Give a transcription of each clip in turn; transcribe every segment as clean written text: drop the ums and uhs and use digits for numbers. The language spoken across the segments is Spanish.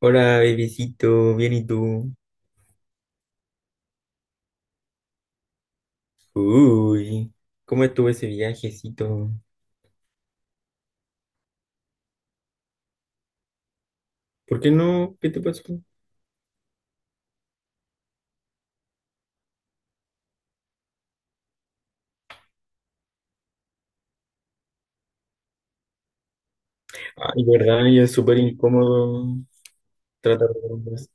Hola, bebecito, bien y tú. Uy, ¿cómo estuvo ese viajecito? ¿Por qué no? ¿Qué te pasó? Ay, verdad, y es súper incómodo tratar de dormir así.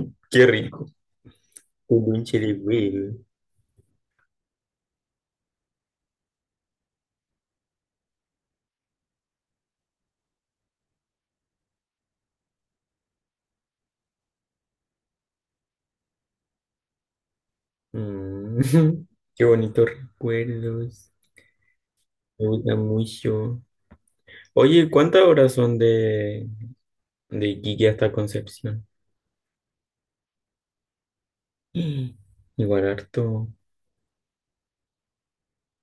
Qué rico. Un lonche de huevo. Mm. Qué bonitos recuerdos. Me gusta mucho. Oye, ¿cuántas horas son de Iquique hasta Concepción? Igual harto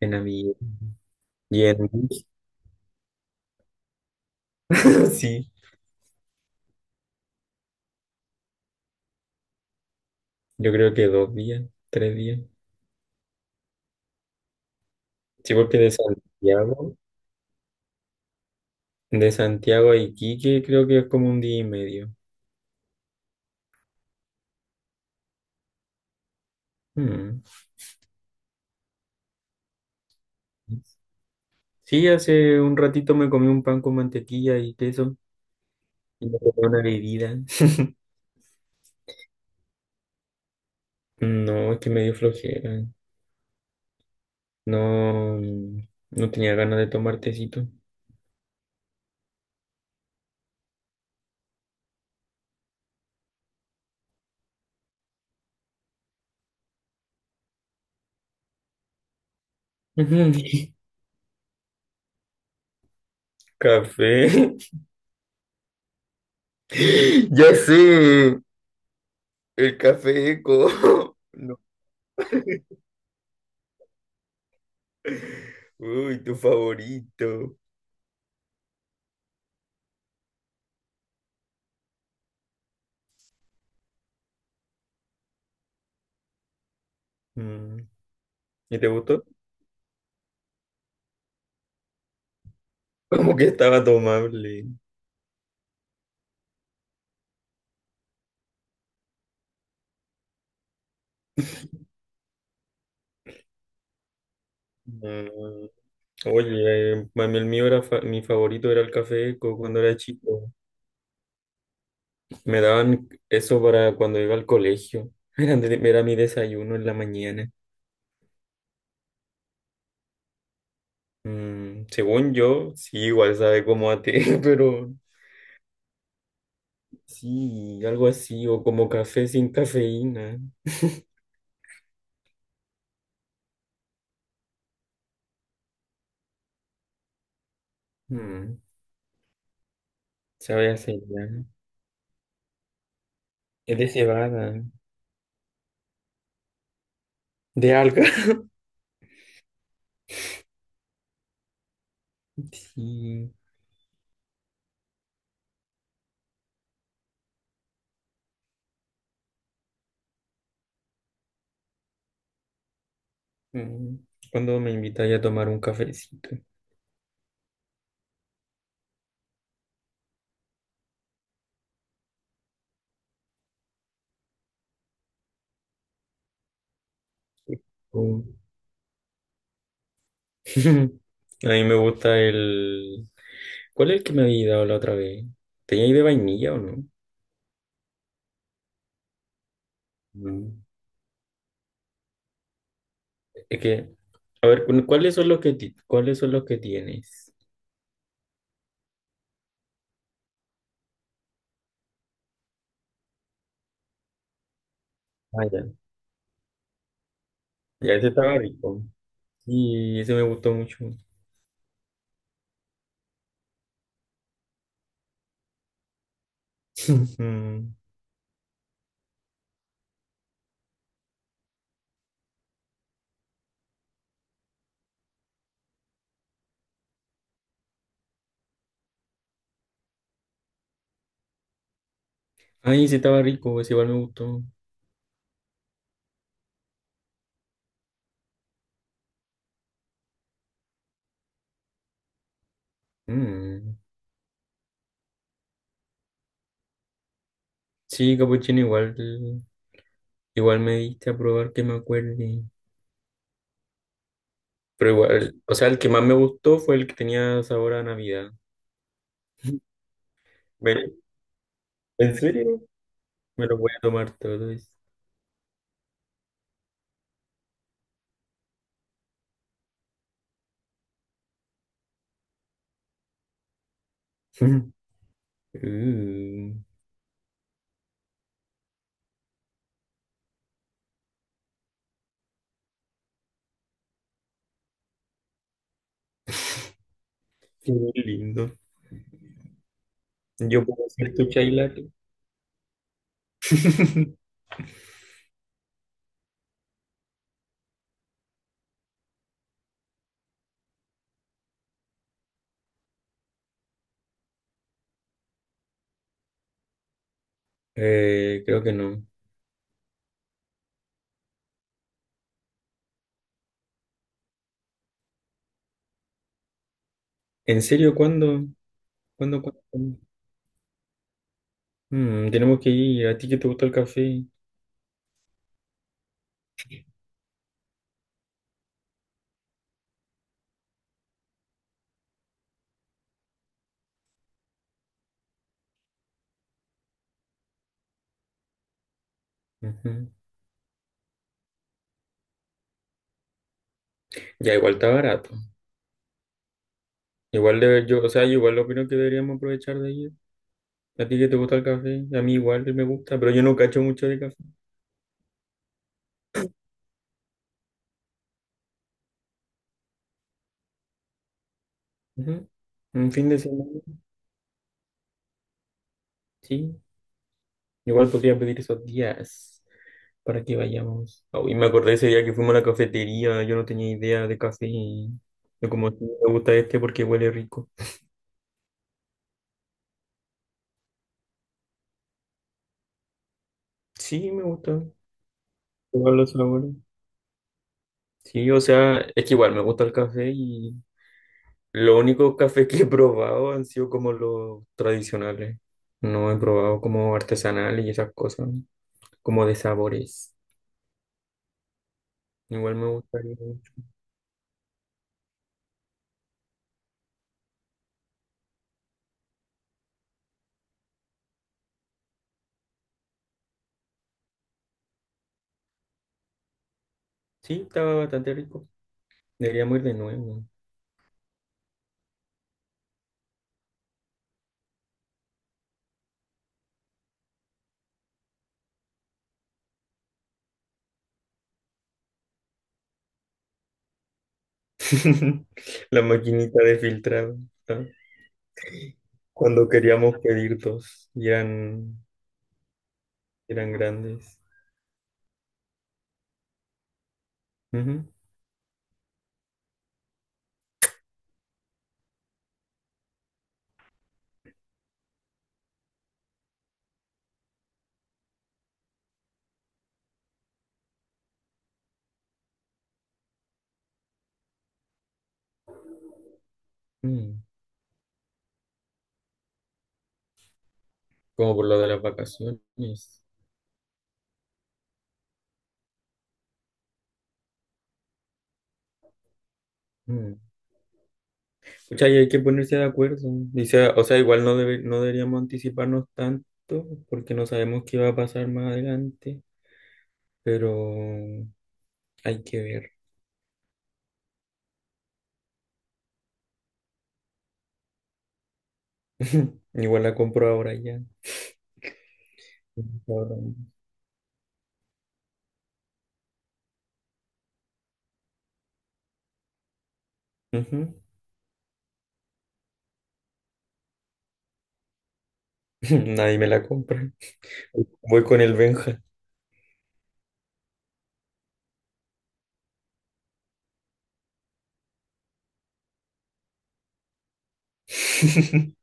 en avión. Y en bus. Sí. Yo creo que dos días, tres días. Sí, porque de Santiago a Iquique creo que es como un día y medio. Mm. Sí, hace un ratito me comí un pan con mantequilla y queso y me tomé una bebida. No, es que me dio flojera. No, no tenía ganas de tomar tecito. Café. Ya sé, el café eco. No. Uy, tu favorito. Mm. ¿Y te gustó? Como que estaba tomable. No. Oye, a mí el mío era mi favorito era el café Eco cuando era chico. Me daban eso para cuando iba al colegio. Era, era mi desayuno en la mañana. Mm, según yo, sí, igual sabe como a té, pero sí, algo así, o como café sin cafeína. Mm, sabe a cereal. Es de cebada, de alga. Sí. Mm. ¿Cuándo me invitáis a tomar un cafecito? A mí me gusta el... ¿Cuál es el que me había dado la otra vez? ¿Tenía ahí de vainilla o no? Mm. Es que, a ver, ¿cuáles son cuáles son los que tienes? Ah, ya. Ya, ese estaba rico. Y ese me gustó mucho. Mm. Ay, ese estaba rico, ese igual me gustó. Mm. Sí, capuchino, igual, igual me diste a probar que me acuerde. Pero igual, o sea, el que más me gustó fue el que tenía sabor a Navidad. Ve- ¿En serio? Me lo voy a tomar todo eso. Uh, qué lindo. Yo puedo ser tu chai latte. Creo que no. ¿En serio? ¿Cuándo? ¿Cuándo? ¿Cuándo? ¿Cuándo? Mm, tenemos que ir. ¿A ti que te gusta el café? Ujú. Ya, igual está barato. Igual de, yo, o sea, yo igual opino que deberíamos aprovechar de ir. ¿A ti que te gusta el café? A mí igual me gusta, pero yo no cacho mucho de café. Ujú. Un fin de semana, sí. Igual podría pedir esos días para que vayamos. Oh, y me acordé ese día que fuimos a la cafetería, yo no tenía idea de café y yo como: "Sí, me gusta este porque huele rico". Sí, me gusta. Igual los sabores. Sí, o sea, es que igual me gusta el café y los únicos cafés que he probado han sido como los tradicionales. No he probado como artesanales y esas cosas, como de sabores. Igual me gustaría mucho. Sí, estaba bastante rico. Deberíamos ir de nuevo. La maquinita de filtrado, ¿no? Cuando queríamos pedir dos y eran, eran grandes. Ujú. Mm. Como por lo de las vacaciones. Mm. Pucha, y hay que ponerse de acuerdo. Dice, o sea, igual no, no deberíamos anticiparnos tanto porque no sabemos qué va a pasar más adelante, pero hay que ver. Igual la compro ahora ya. Ahora. Ujú. Nadie me la compra. Voy con el Benja.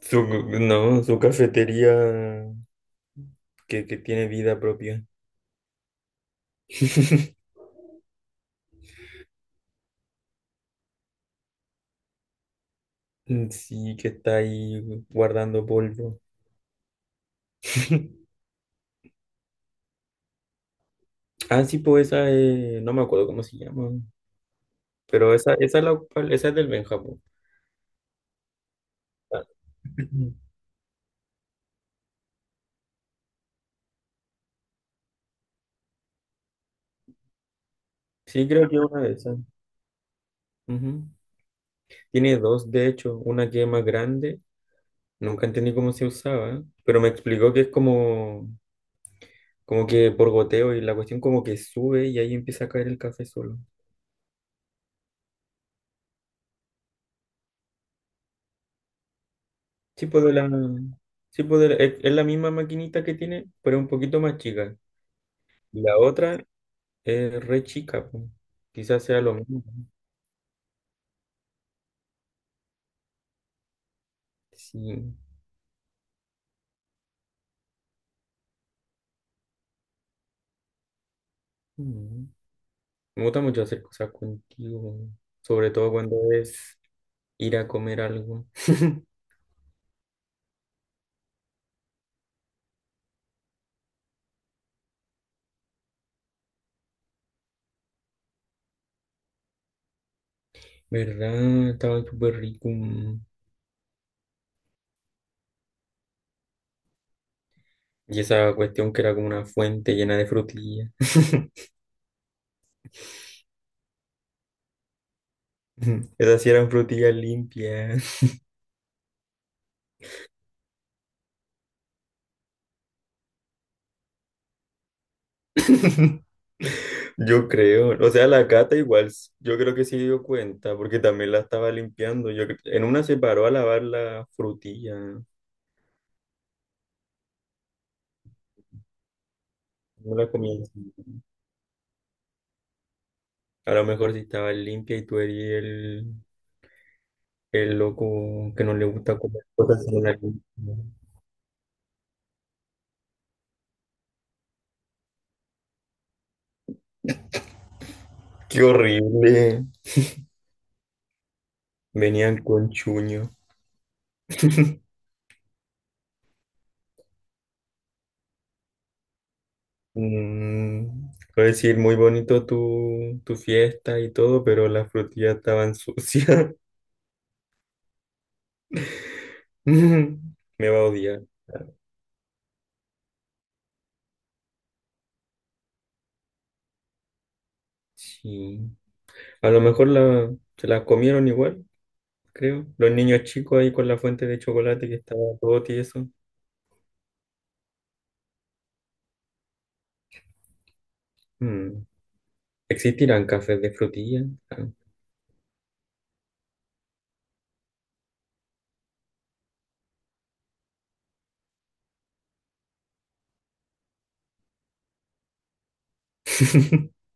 Su, no, su cafetería, que tiene vida propia. Sí, que está ahí guardando polvo. Ah, sí, pues no me acuerdo cómo se llama, pero esa es del Benjamín. Sí, creo que una de esas. Ujú. Tiene dos, de hecho, una que es más grande, nunca entendí cómo se usaba, pero me explicó que es como, como que por goteo y la cuestión como que sube y ahí empieza a caer el café solo. Sí, pues de la, sí, pues es la misma maquinita que tiene, pero un poquito más chica. La otra es re chica, pues. Quizás sea lo mismo, ¿no? Sí. Mm. Me gusta mucho hacer cosas contigo, sobre todo cuando es ir a comer algo. ¿Verdad? Estaba súper rico. Mm. Y esa cuestión que era como una fuente llena de frutillas. Esas sí eran frutillas limpias. Yo creo. O sea, la cata igual, yo creo que se dio cuenta, porque también la estaba limpiando. En una se paró a lavar la frutilla. No la comía. A lo mejor si estaba limpia y tú eres el, el loco que no le gusta comer cosas en la limpia. ¡Qué horrible! Venían con chuño. Mm, puedo decir, muy bonito tu, tu fiesta y todo, pero las frutillas estaban sucias. Me va a odiar. Sí. A lo mejor la, se las comieron igual, creo. Los niños chicos ahí con la fuente de chocolate que estaba todo tieso. Mm. ¿Existirán cafés de frutilla? Ah.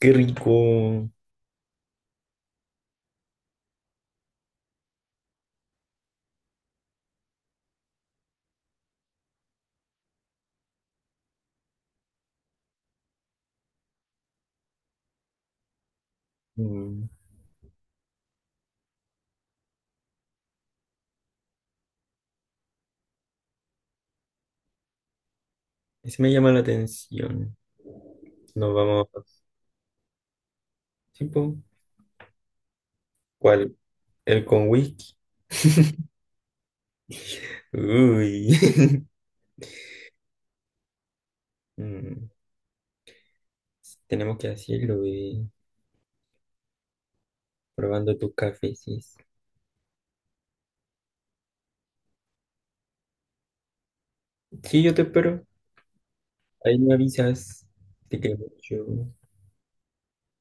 Qué rico. Mm. Ese me llama la atención. Nos vamos a... Sí, po. ¿Cuál? ¿El con whisky? Uy. Mm, tenemos que hacerlo, bebé. Probando tus cafés. Sí, yo te espero. Ahí me avisas. Te quiero mucho.